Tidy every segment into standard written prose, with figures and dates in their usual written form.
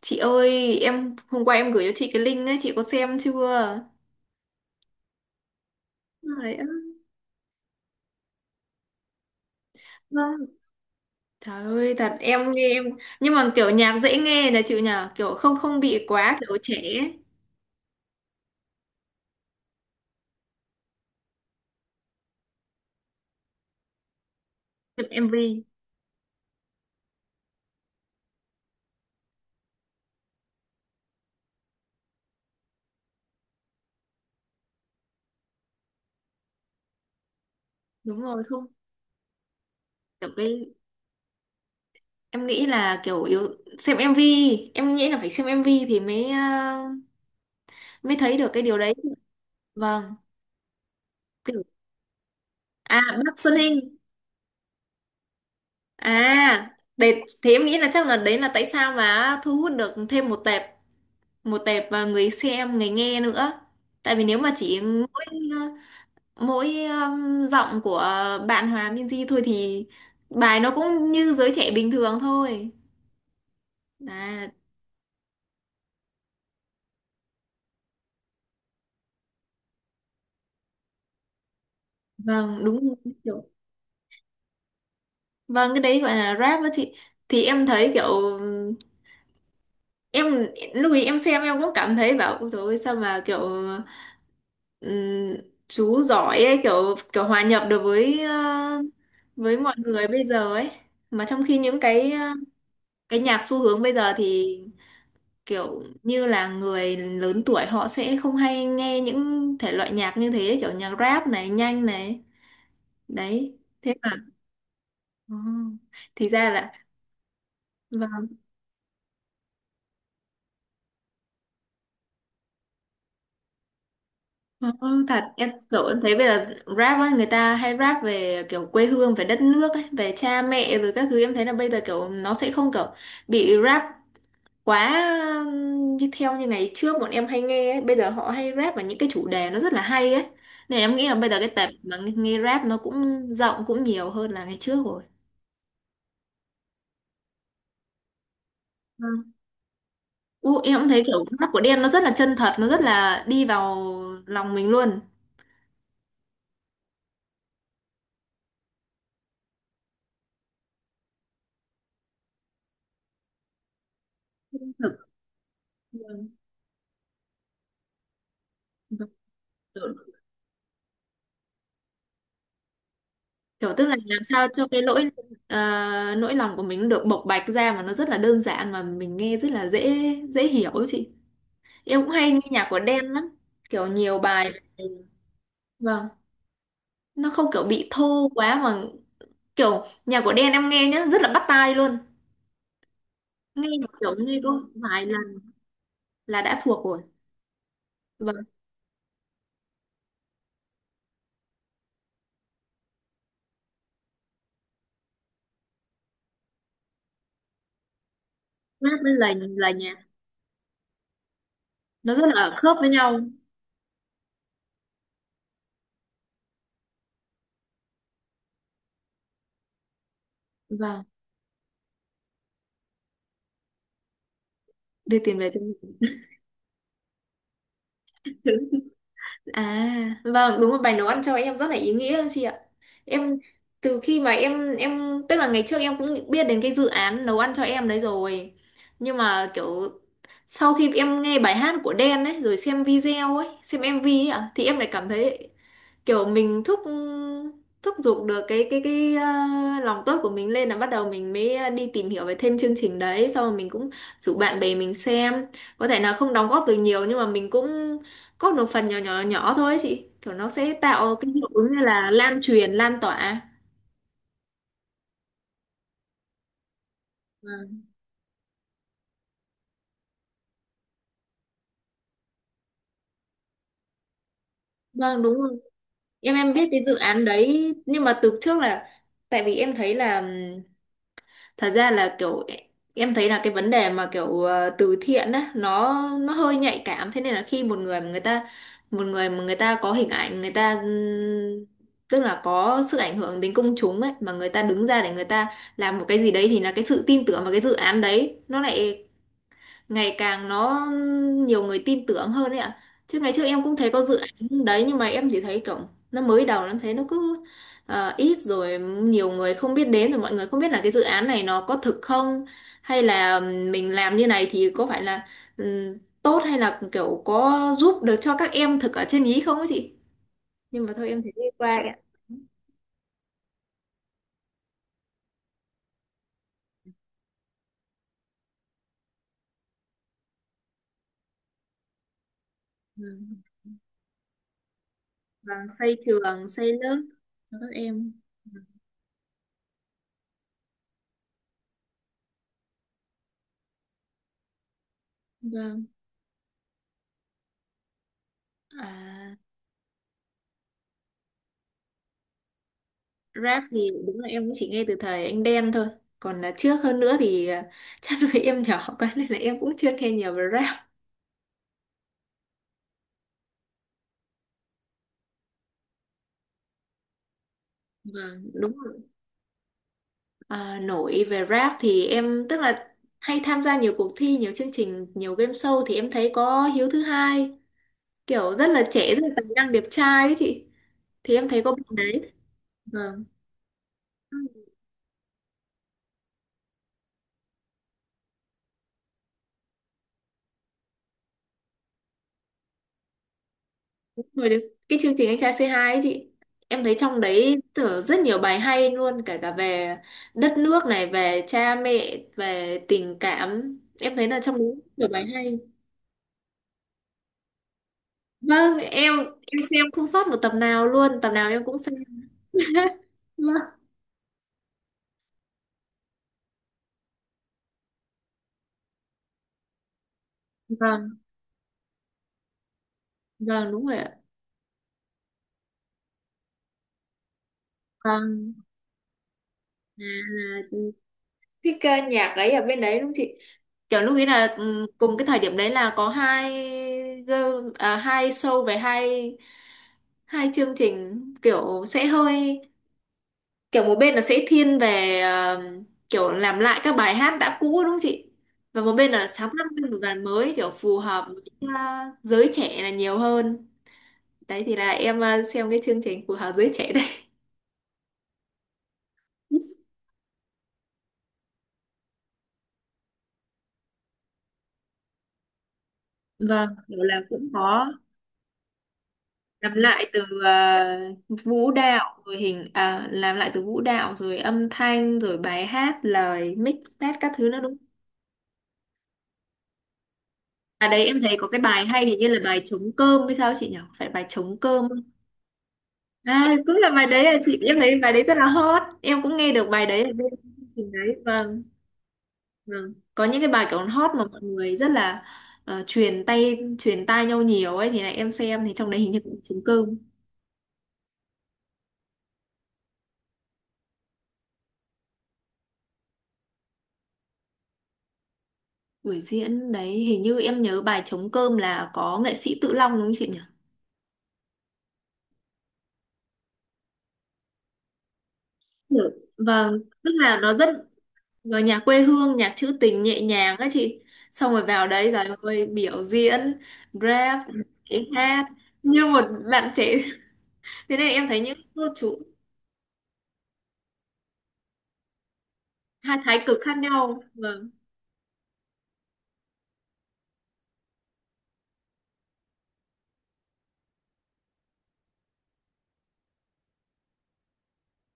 Chị ơi, em hôm qua em gửi cho chị cái link ấy, chị có xem chưa? Trời ơi, vâng. Trời ơi, thật em nghe em nhưng mà kiểu nhạc dễ nghe là chịu nhờ, kiểu không không bị quá kiểu trẻ ấy. Chụp MV. Đúng rồi, không. Kiểu cái em nghĩ là kiểu yếu xem em MV, em nghĩ là phải xem em MV thì mới mới thấy được cái điều đấy. Vâng, kiểu à bắc Xuân Hinh. À, để thế em nghĩ là chắc là đấy là tại sao mà thu hút được thêm một tệp và người xem người nghe nữa, tại vì nếu mà chỉ mỗi mỗi giọng của bạn Hòa Minzy thôi thì bài nó cũng như giới trẻ bình thường thôi à, vâng đúng rồi. Kiểu vâng cái đấy gọi là rap đó chị, thì em thấy kiểu em lúc ý em xem em cũng cảm thấy bảo ôi dồi ôi, sao mà kiểu ừm, chú giỏi ấy, kiểu kiểu hòa nhập được với với mọi người bây giờ ấy, mà trong khi những cái cái nhạc xu hướng bây giờ thì kiểu như là người lớn tuổi họ sẽ không hay nghe những thể loại nhạc như thế, kiểu nhạc rap này nhanh này, đấy thế mà Ồ, thì ra là vâng. Ồ, thật em kiểu em thấy bây giờ rap ấy, người ta hay rap về kiểu quê hương, về đất nước ấy, về cha mẹ rồi các thứ, em thấy là bây giờ kiểu nó sẽ không kiểu bị rap quá như theo như ngày trước bọn em hay nghe ấy. Bây giờ họ hay rap vào những cái chủ đề nó rất là hay ấy, nên em nghĩ là bây giờ cái tệp mà nghe, nghe rap nó cũng rộng cũng nhiều hơn là ngày trước rồi. Vâng. Ú, em cũng thấy kiểu rap của Đen nó rất là chân thật, nó rất là đi vào lòng mình luôn. Thực vâng. Vâng, vâng. Kiểu tức là làm sao cho cái lỗi ờ, nỗi lòng của mình được bộc bạch ra mà nó rất là đơn giản, mà mình nghe rất là dễ dễ hiểu ấy chị, em cũng hay nghe nhạc của Đen lắm, kiểu nhiều bài vâng, nó không kiểu bị thô quá mà kiểu nhạc của Đen em nghe nhá rất là bắt tai luôn, nghe mà kiểu nghe có vài lần là đã thuộc rồi. Và rap với lời lời nhạc nó rất là khớp với nhau, vâng đưa tiền về cho mình. À vâng đúng rồi, bài nấu ăn cho em rất là ý nghĩa chị ạ. Em từ khi mà em tức là ngày trước em cũng biết đến cái dự án nấu ăn cho em đấy rồi, nhưng mà kiểu sau khi em nghe bài hát của Đen ấy rồi xem video ấy xem MV ấy ạ thì em lại cảm thấy kiểu mình thúc, thúc giục được cái lòng tốt của mình lên, là bắt đầu mình mới đi tìm hiểu về thêm chương trình đấy, xong rồi mình cũng rủ bạn bè mình xem, có thể là không đóng góp được nhiều nhưng mà mình cũng góp được phần nhỏ nhỏ nhỏ thôi ấy chị, kiểu nó sẽ tạo cái hiệu ứng như là lan truyền lan tỏa. Vâng, vâng, đúng rồi. Em biết cái dự án đấy nhưng mà từ trước là tại vì em thấy là thật ra là kiểu em thấy là cái vấn đề mà kiểu từ thiện á, nó hơi nhạy cảm, thế nên là khi một người mà người ta một người mà người ta có hình ảnh người ta tức là có sức ảnh hưởng đến công chúng ấy, mà người ta đứng ra để người ta làm một cái gì đấy thì là cái sự tin tưởng vào cái dự án đấy nó lại ngày càng nó nhiều người tin tưởng hơn ấy ạ, chứ ngày trước em cũng thấy có dự án đấy nhưng mà em chỉ thấy kiểu nó mới đầu em thấy nó cứ ít rồi nhiều người không biết đến, rồi mọi người không biết là cái dự án này nó có thực không, hay là mình làm như này thì có phải là tốt, hay là kiểu có giúp được cho các em thực ở trên ý không ấy chị, nhưng mà thôi em thấy đi qua ấy ạ. Vâng. Vâng, xây trường xây lớp cho các em. Vâng. À, rap thì đúng là em cũng chỉ nghe từ thời anh Đen thôi. Còn là trước hơn nữa thì à, chắc vì em nhỏ quá nên là em cũng chưa nghe nhiều về rap. Vâng, đúng rồi. À, nổi về rap thì em tức là hay tham gia nhiều cuộc thi, nhiều chương trình, nhiều game show thì em thấy có Hiếu thứ hai, kiểu rất là trẻ, rất là tài năng, đẹp trai ấy chị. Thì em thấy có bạn đấy. Vâng. Rồi được. Cái chương trình Anh trai C2 ấy chị, em thấy trong đấy tưởng rất nhiều bài hay luôn, cả cả về đất nước này, về cha mẹ, về tình cảm. Em thấy là trong đấy nhiều bài hay. Vâng em xem không sót một tập nào luôn, tập nào em cũng xem. Vâng. Vâng vâng đúng rồi ạ. Vâng. À, cái ca nhạc ấy ở bên đấy đúng chị, kiểu lúc ấy là ừ, cùng cái thời điểm đấy là có hai à, hai show về hai hai chương trình kiểu sẽ hơi kiểu một bên là sẽ thiên về kiểu làm lại các bài hát đã cũ đúng không chị, và một bên là sáng tác những bài mới kiểu phù hợp với giới trẻ là nhiều hơn, đấy thì là em xem cái chương trình phù hợp giới trẻ đấy. Vâng. Kiểu là cũng có làm lại từ vũ đạo rồi hình làm lại từ vũ đạo rồi âm thanh rồi bài hát lời mix test các thứ nữa đúng không? À đấy em thấy có cái bài hay, hình như là bài Trống cơm hay sao chị nhỉ, phải bài Trống cơm không? À cũng là bài đấy à chị, em thấy bài đấy rất là hot, em cũng nghe được bài đấy ở bên chương trình đấy. Vâng. Vâng có những cái bài kiểu hot mà mọi người rất là truyền tay truyền tai nhau nhiều ấy, thì này em xem thì trong đấy hình như cũng Trống cơm. Buổi diễn đấy hình như em nhớ bài Trống cơm là có nghệ sĩ Tự Long đúng không chị nhỉ? Được. Vâng, tức là nó rất vào nhà quê hương, nhạc trữ tình nhẹ nhàng á chị. Xong rồi vào đấy rồi ơi biểu diễn, rap, nhảy hát như một bạn trẻ. Thế này em thấy những cô chú hai thái cực khác nhau. Vâng,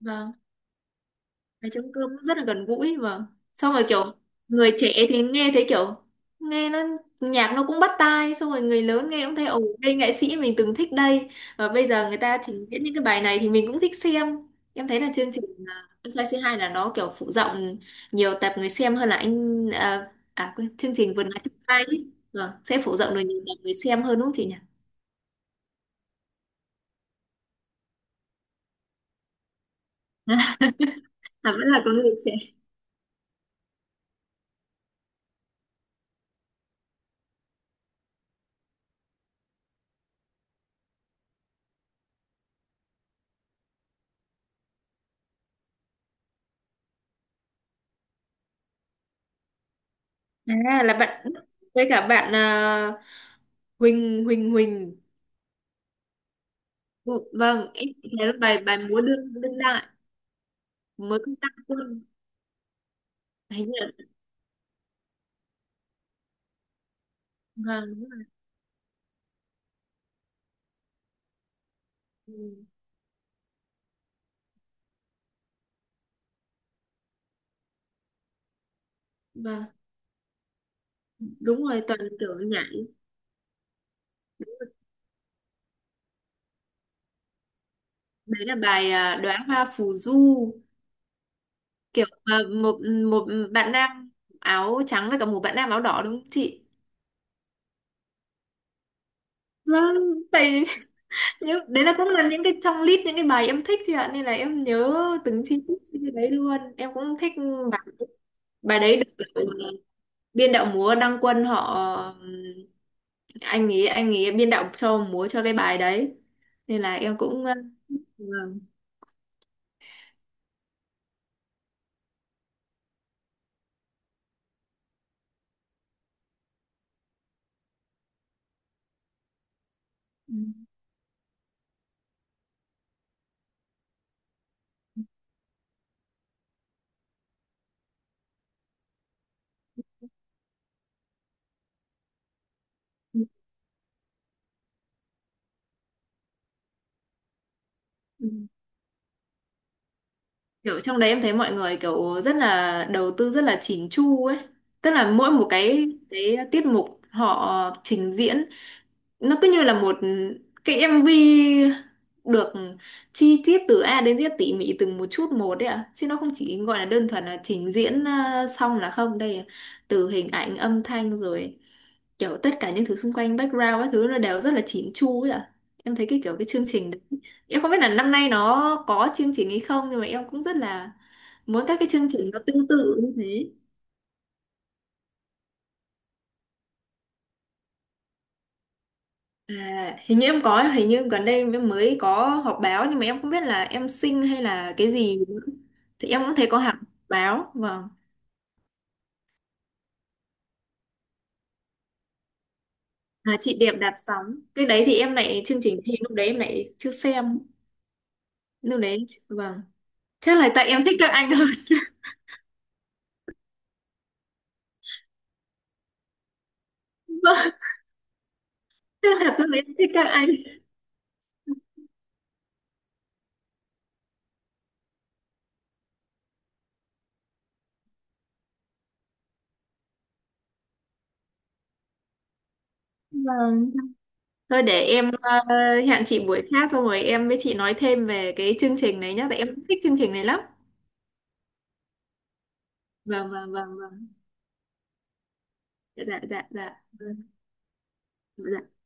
vâng. Bài Trống cơm nó rất là gần gũi, và xong rồi kiểu người trẻ thì nghe thấy kiểu nghe nó nhạc nó cũng bắt tai, xong rồi người lớn nghe cũng thấy ồ đây nghệ sĩ mình từng thích đây, và bây giờ người ta trình diễn những cái bài này thì mình cũng thích xem. Em thấy là chương trình à, Anh trai C2 là nó kiểu phụ rộng nhiều tập người xem hơn là anh à, à quên chương trình Vườn nắng tương lai ấy. Vâng, sẽ phụ rộng được nhiều tập người xem hơn đúng không chị nhỉ. À, vẫn là có người trẻ. À là bạn với cả bạn à, Huỳnh Huỳnh Huỳnh Vâng, em chỉ thấy là bài bài múa đương đương đại, mới công tác quân, hình như là vâng, vâng, đúng rồi. Ừ. Vâng, đúng rồi, toàn kiểu nhảy. Đấy là bài à, Đóa hoa phù du, kiểu mà một một bạn nam áo trắng với cả một bạn nam áo đỏ đúng không chị? Vâng, tại những đấy là cũng là những cái trong list những cái bài em thích chị ạ, nên là em nhớ từng chi tiết trên cái đấy luôn. Em cũng thích bài, bài đấy được biên đạo múa Đăng Quân họ anh ấy biên đạo cho múa cho cái bài đấy, nên là em cũng vâng. Ừ. Ừ. Kiểu trong đấy em thấy mọi người kiểu rất là đầu tư rất là chỉn chu ấy, tức là mỗi một cái tiết mục họ trình diễn nó cứ như là một cái MV được chi tiết từ A đến Z tỉ mỉ từng một chút một đấy ạ, chứ nó không chỉ gọi là đơn thuần là trình diễn xong là không, đây là từ hình ảnh âm thanh rồi kiểu tất cả những thứ xung quanh background các thứ nó đều rất là chỉn chu ấy ạ, em thấy cái kiểu cái chương trình đấy. Em không biết là năm nay nó có chương trình hay không, nhưng mà em cũng rất là muốn các cái chương trình nó tương tự như thế. À, hình như em có, hình như gần đây em mới có họp báo, nhưng mà em không biết là Em xinh hay là cái gì nữa. Thì em cũng thấy có hẳn báo, vâng. À, Chị đẹp đạp sóng. Cái đấy thì em lại chương trình thì lúc đấy em lại chưa xem. Lúc đấy vâng. Chắc là tại em thích các anh hơn. Vâng, chắc là lúc đấy em thích các anh. Vâng. Thôi để em hẹn chị buổi khác xong rồi em với chị nói thêm về cái chương trình này nhá, tại em thích chương trình này lắm. Vâng vâng vâng vâng. Dạ dạ dạ. Vâng. Dạ.